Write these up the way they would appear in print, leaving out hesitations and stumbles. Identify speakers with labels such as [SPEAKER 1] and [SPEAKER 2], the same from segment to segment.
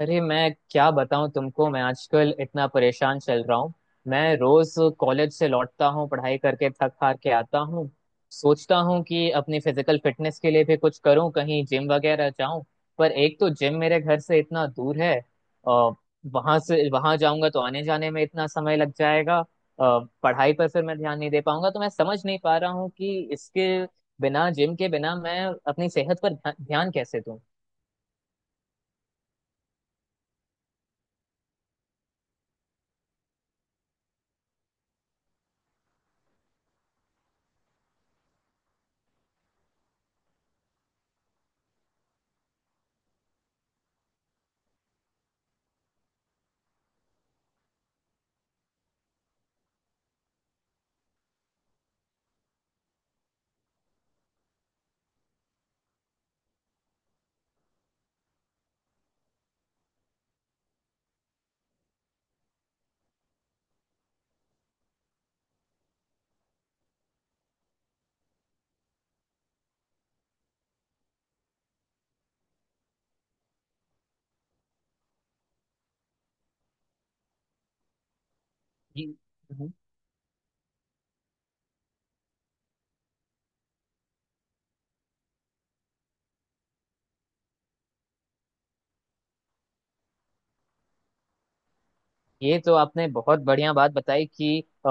[SPEAKER 1] अरे मैं क्या बताऊं तुमको। मैं आजकल इतना परेशान चल रहा हूँ। मैं रोज कॉलेज से लौटता हूँ, पढ़ाई करके थक हार के आता हूँ। सोचता हूँ कि अपनी फिजिकल फिटनेस के लिए भी कुछ करूँ, कहीं जिम वगैरह जाऊं। पर एक तो जिम मेरे घर से इतना दूर है, और वहां से वहां जाऊंगा तो आने जाने में इतना समय लग जाएगा, पढ़ाई पर फिर मैं ध्यान नहीं दे पाऊंगा। तो मैं समझ नहीं पा रहा हूँ कि इसके बिना, जिम के बिना मैं अपनी सेहत पर ध्यान कैसे दूं। जी। ये तो आपने बहुत बढ़िया बात बताई कि अ,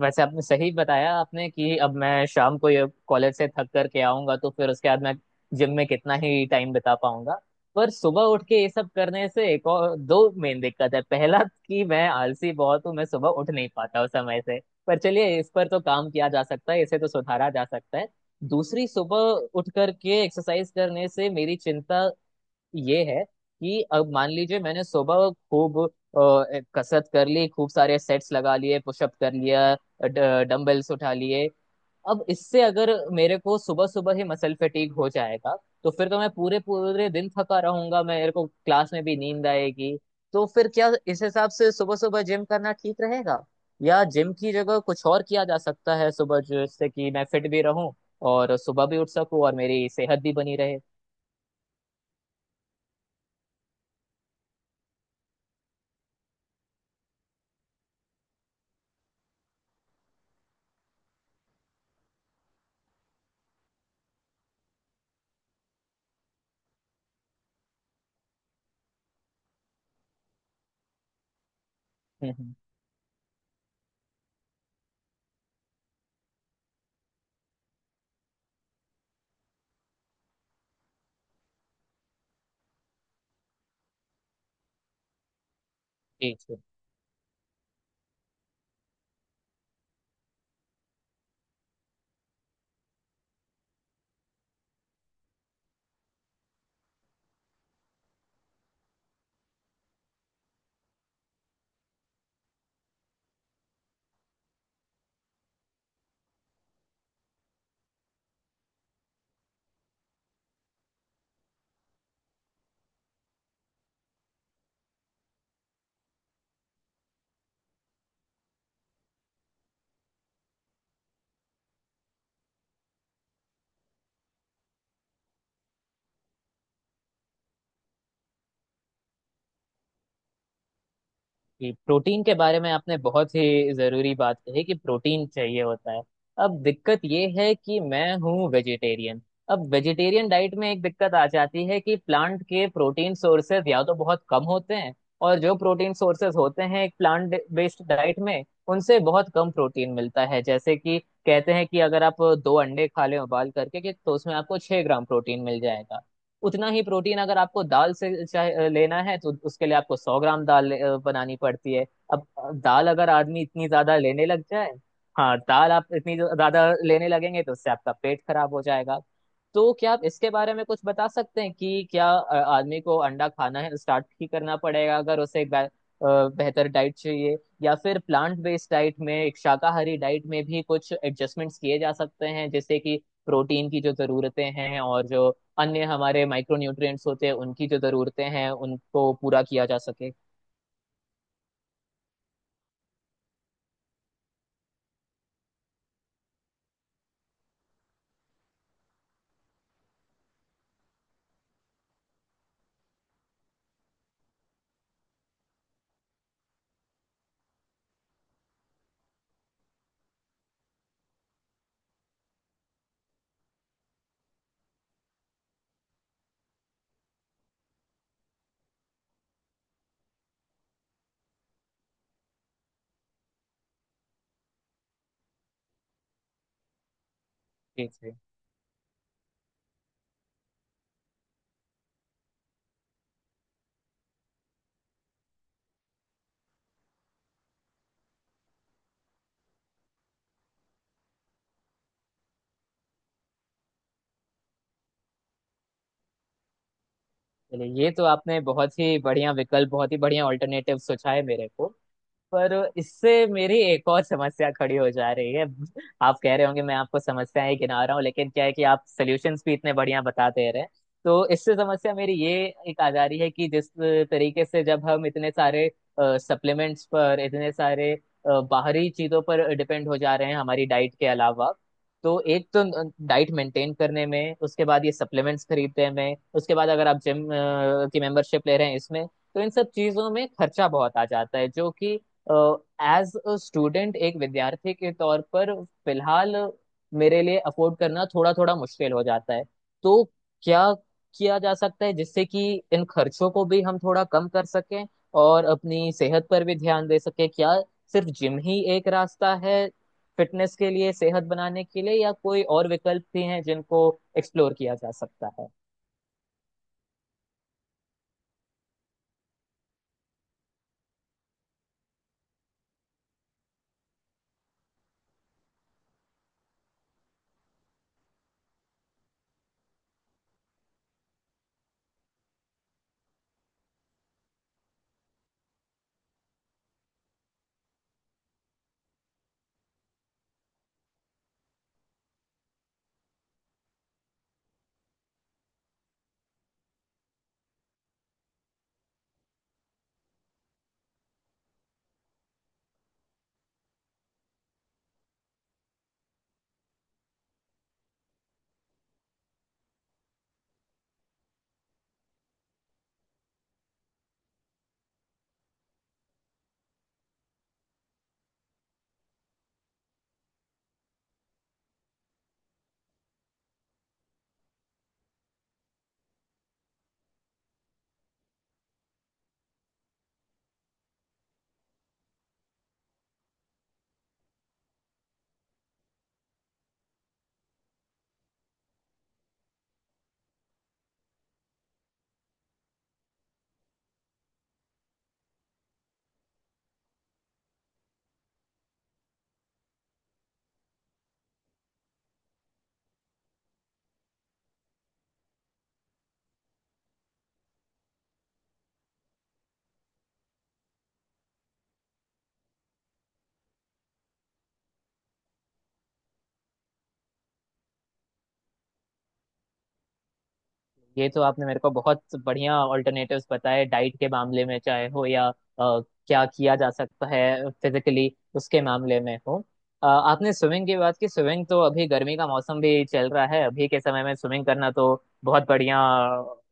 [SPEAKER 1] वैसे आपने सही बताया आपने कि अब मैं शाम को ये कॉलेज से थक कर के आऊंगा तो फिर उसके बाद मैं जिम में कितना ही टाइम बिता पाऊंगा। पर सुबह उठ के ये सब करने से एक और दो मेन दिक्कत है। पहला कि मैं आलसी बहुत हूँ, मैं सुबह उठ नहीं पाता हूँ समय से, पर चलिए इस पर तो काम किया जा सकता है, इसे तो सुधारा जा सकता है। दूसरी, सुबह उठ करके एक्सरसाइज करने से मेरी चिंता ये है कि अब मान लीजिए मैंने सुबह खूब कसरत कर ली, खूब सारे सेट्स लगा लिए, पुशअप कर लिया, डंबल्स उठा लिए। अब इससे अगर मेरे को सुबह सुबह ही मसल फटीग हो जाएगा तो फिर तो मैं पूरे पूरे दिन थका रहूंगा, मेरे को क्लास में भी नींद आएगी। तो फिर क्या इस हिसाब से सुबह सुबह जिम करना ठीक रहेगा, या जिम की जगह कुछ और किया जा सकता है सुबह, जिससे कि मैं फिट भी रहूं और सुबह भी उठ सकूं और मेरी सेहत भी बनी रहे? हम्म। जी जी। कि प्रोटीन के बारे में आपने बहुत ही जरूरी बात कही कि प्रोटीन चाहिए होता है। अब दिक्कत ये है कि मैं हूँ वेजिटेरियन। अब वेजिटेरियन डाइट में एक दिक्कत आ जाती है कि प्लांट के प्रोटीन सोर्सेज या तो बहुत कम होते हैं, और जो प्रोटीन सोर्सेज होते हैं एक प्लांट बेस्ड डाइट में, उनसे बहुत कम प्रोटीन मिलता है। जैसे कि कहते हैं कि अगर आप दो अंडे खा लें उबाल करके, कि तो उसमें आपको 6 ग्राम प्रोटीन मिल जाएगा। उतना ही प्रोटीन अगर आपको दाल से चाहे लेना है तो उसके लिए आपको 100 ग्राम दाल बनानी पड़ती है। अब दाल अगर आदमी इतनी ज्यादा लेने लग जाए, हाँ, दाल आप इतनी ज्यादा लेने लगेंगे तो उससे आपका पेट खराब हो जाएगा। तो क्या आप इसके बारे में कुछ बता सकते हैं कि क्या आदमी को अंडा खाना है स्टार्ट ही करना पड़ेगा अगर उसे एक बेहतर डाइट चाहिए, या फिर प्लांट बेस्ड डाइट में, एक शाकाहारी डाइट में भी कुछ एडजस्टमेंट्स किए जा सकते हैं जैसे कि प्रोटीन की जो जरूरतें हैं और जो अन्य हमारे माइक्रो न्यूट्रिएंट्स होते हैं उनकी जो जरूरतें हैं, उनको पूरा किया जा सके? जी जी। चलिए, ये तो आपने बहुत ही बढ़िया विकल्प, बहुत ही बढ़िया ऑल्टरनेटिव सोचा है मेरे को। पर इससे मेरी एक और समस्या खड़ी हो जा रही है। आप कह रहे होंगे मैं आपको समस्याएं गिना रहा हूँ, लेकिन क्या है कि आप सॉल्यूशंस भी इतने बढ़िया बता दे रहे हैं। तो इससे समस्या मेरी ये एक आ जा रही है कि जिस तरीके से जब हम इतने सारे सप्लीमेंट्स पर, इतने सारे बाहरी चीजों पर डिपेंड हो जा रहे हैं हमारी डाइट के अलावा, तो एक तो डाइट मेंटेन करने में, उसके बाद ये सप्लीमेंट्स खरीदने में, उसके बाद अगर आप जिम की मेंबरशिप ले रहे हैं इसमें, तो इन सब चीजों में खर्चा बहुत आ जाता है, जो कि एज अ स्टूडेंट, एक विद्यार्थी के तौर पर फिलहाल मेरे लिए अफोर्ड करना थोड़ा थोड़ा मुश्किल हो जाता है। तो क्या किया जा सकता है जिससे कि इन खर्चों को भी हम थोड़ा कम कर सकें और अपनी सेहत पर भी ध्यान दे सकें? क्या सिर्फ जिम ही एक रास्ता है फिटनेस के लिए, सेहत बनाने के लिए, या कोई और विकल्प भी हैं जिनको एक्सप्लोर किया जा सकता है? ये तो आपने मेरे को बहुत बढ़िया ऑल्टरनेटिव्स बताए, डाइट के मामले में चाहे हो, या क्या किया जा सकता है फिजिकली उसके मामले में हो। आपने स्विमिंग की बात की। स्विमिंग तो, अभी गर्मी का मौसम भी चल रहा है, अभी के समय में स्विमिंग करना तो बहुत बढ़िया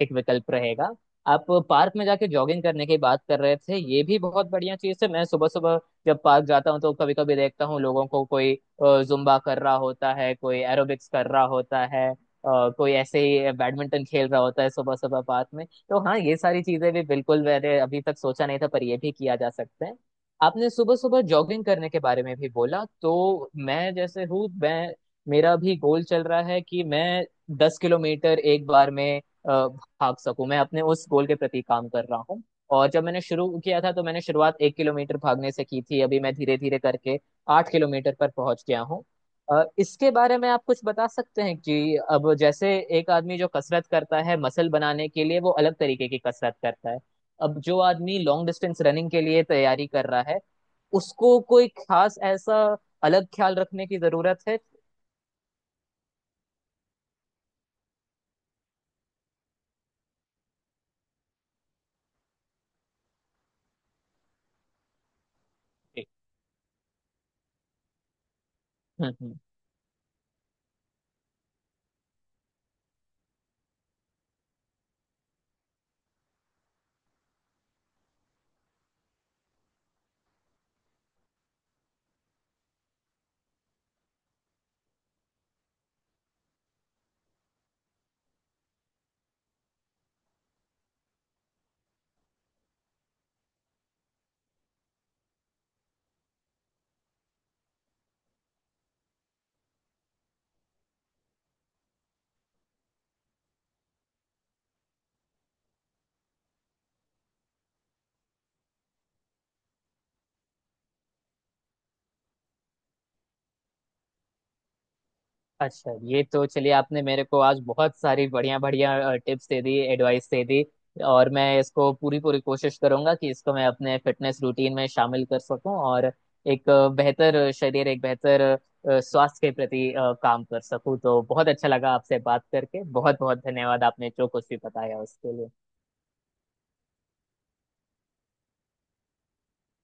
[SPEAKER 1] एक विकल्प रहेगा। आप पार्क में जाके जॉगिंग करने की बात कर रहे थे, ये भी बहुत बढ़िया चीज़ है। मैं सुबह सुबह जब पार्क जाता हूँ तो कभी कभी देखता हूँ लोगों को, कोई जुम्बा कर रहा होता है, कोई एरोबिक्स कर रहा होता है, कोई ऐसे ही बैडमिंटन खेल रहा होता है सुबह सुबह पार्क में। तो हाँ, ये सारी चीजें भी बिल्कुल, मैंने अभी तक सोचा नहीं था, पर ये भी किया जा सकता है। आपने सुबह सुबह जॉगिंग करने के बारे में भी बोला, तो मैं जैसे हूँ मैं मेरा भी गोल चल रहा है कि मैं 10 किलोमीटर एक बार में भाग सकूं, मैं अपने उस गोल के प्रति काम कर रहा हूँ। और जब मैंने शुरू किया था तो मैंने शुरुआत 1 किलोमीटर भागने से की थी, अभी मैं धीरे धीरे करके 8 किलोमीटर पर पहुंच गया हूँ। इसके बारे में आप कुछ बता सकते हैं कि अब जैसे, एक आदमी जो कसरत करता है मसल बनाने के लिए वो अलग तरीके की कसरत करता है, अब जो आदमी लॉन्ग डिस्टेंस रनिंग के लिए तैयारी कर रहा है उसको कोई खास ऐसा अलग ख्याल रखने की जरूरत है? जी। हम्म हम्म। अच्छा, ये तो चलिए आपने मेरे को आज बहुत सारी बढ़िया बढ़िया टिप्स दे दी, एडवाइस दे दी, और मैं इसको पूरी पूरी कोशिश करूंगा कि इसको मैं अपने फिटनेस रूटीन में शामिल कर सकूं, और एक बेहतर शरीर, एक बेहतर स्वास्थ्य के प्रति काम कर सकूं। तो बहुत अच्छा लगा आपसे बात करके, बहुत बहुत धन्यवाद आपने जो कुछ भी बताया उसके लिए।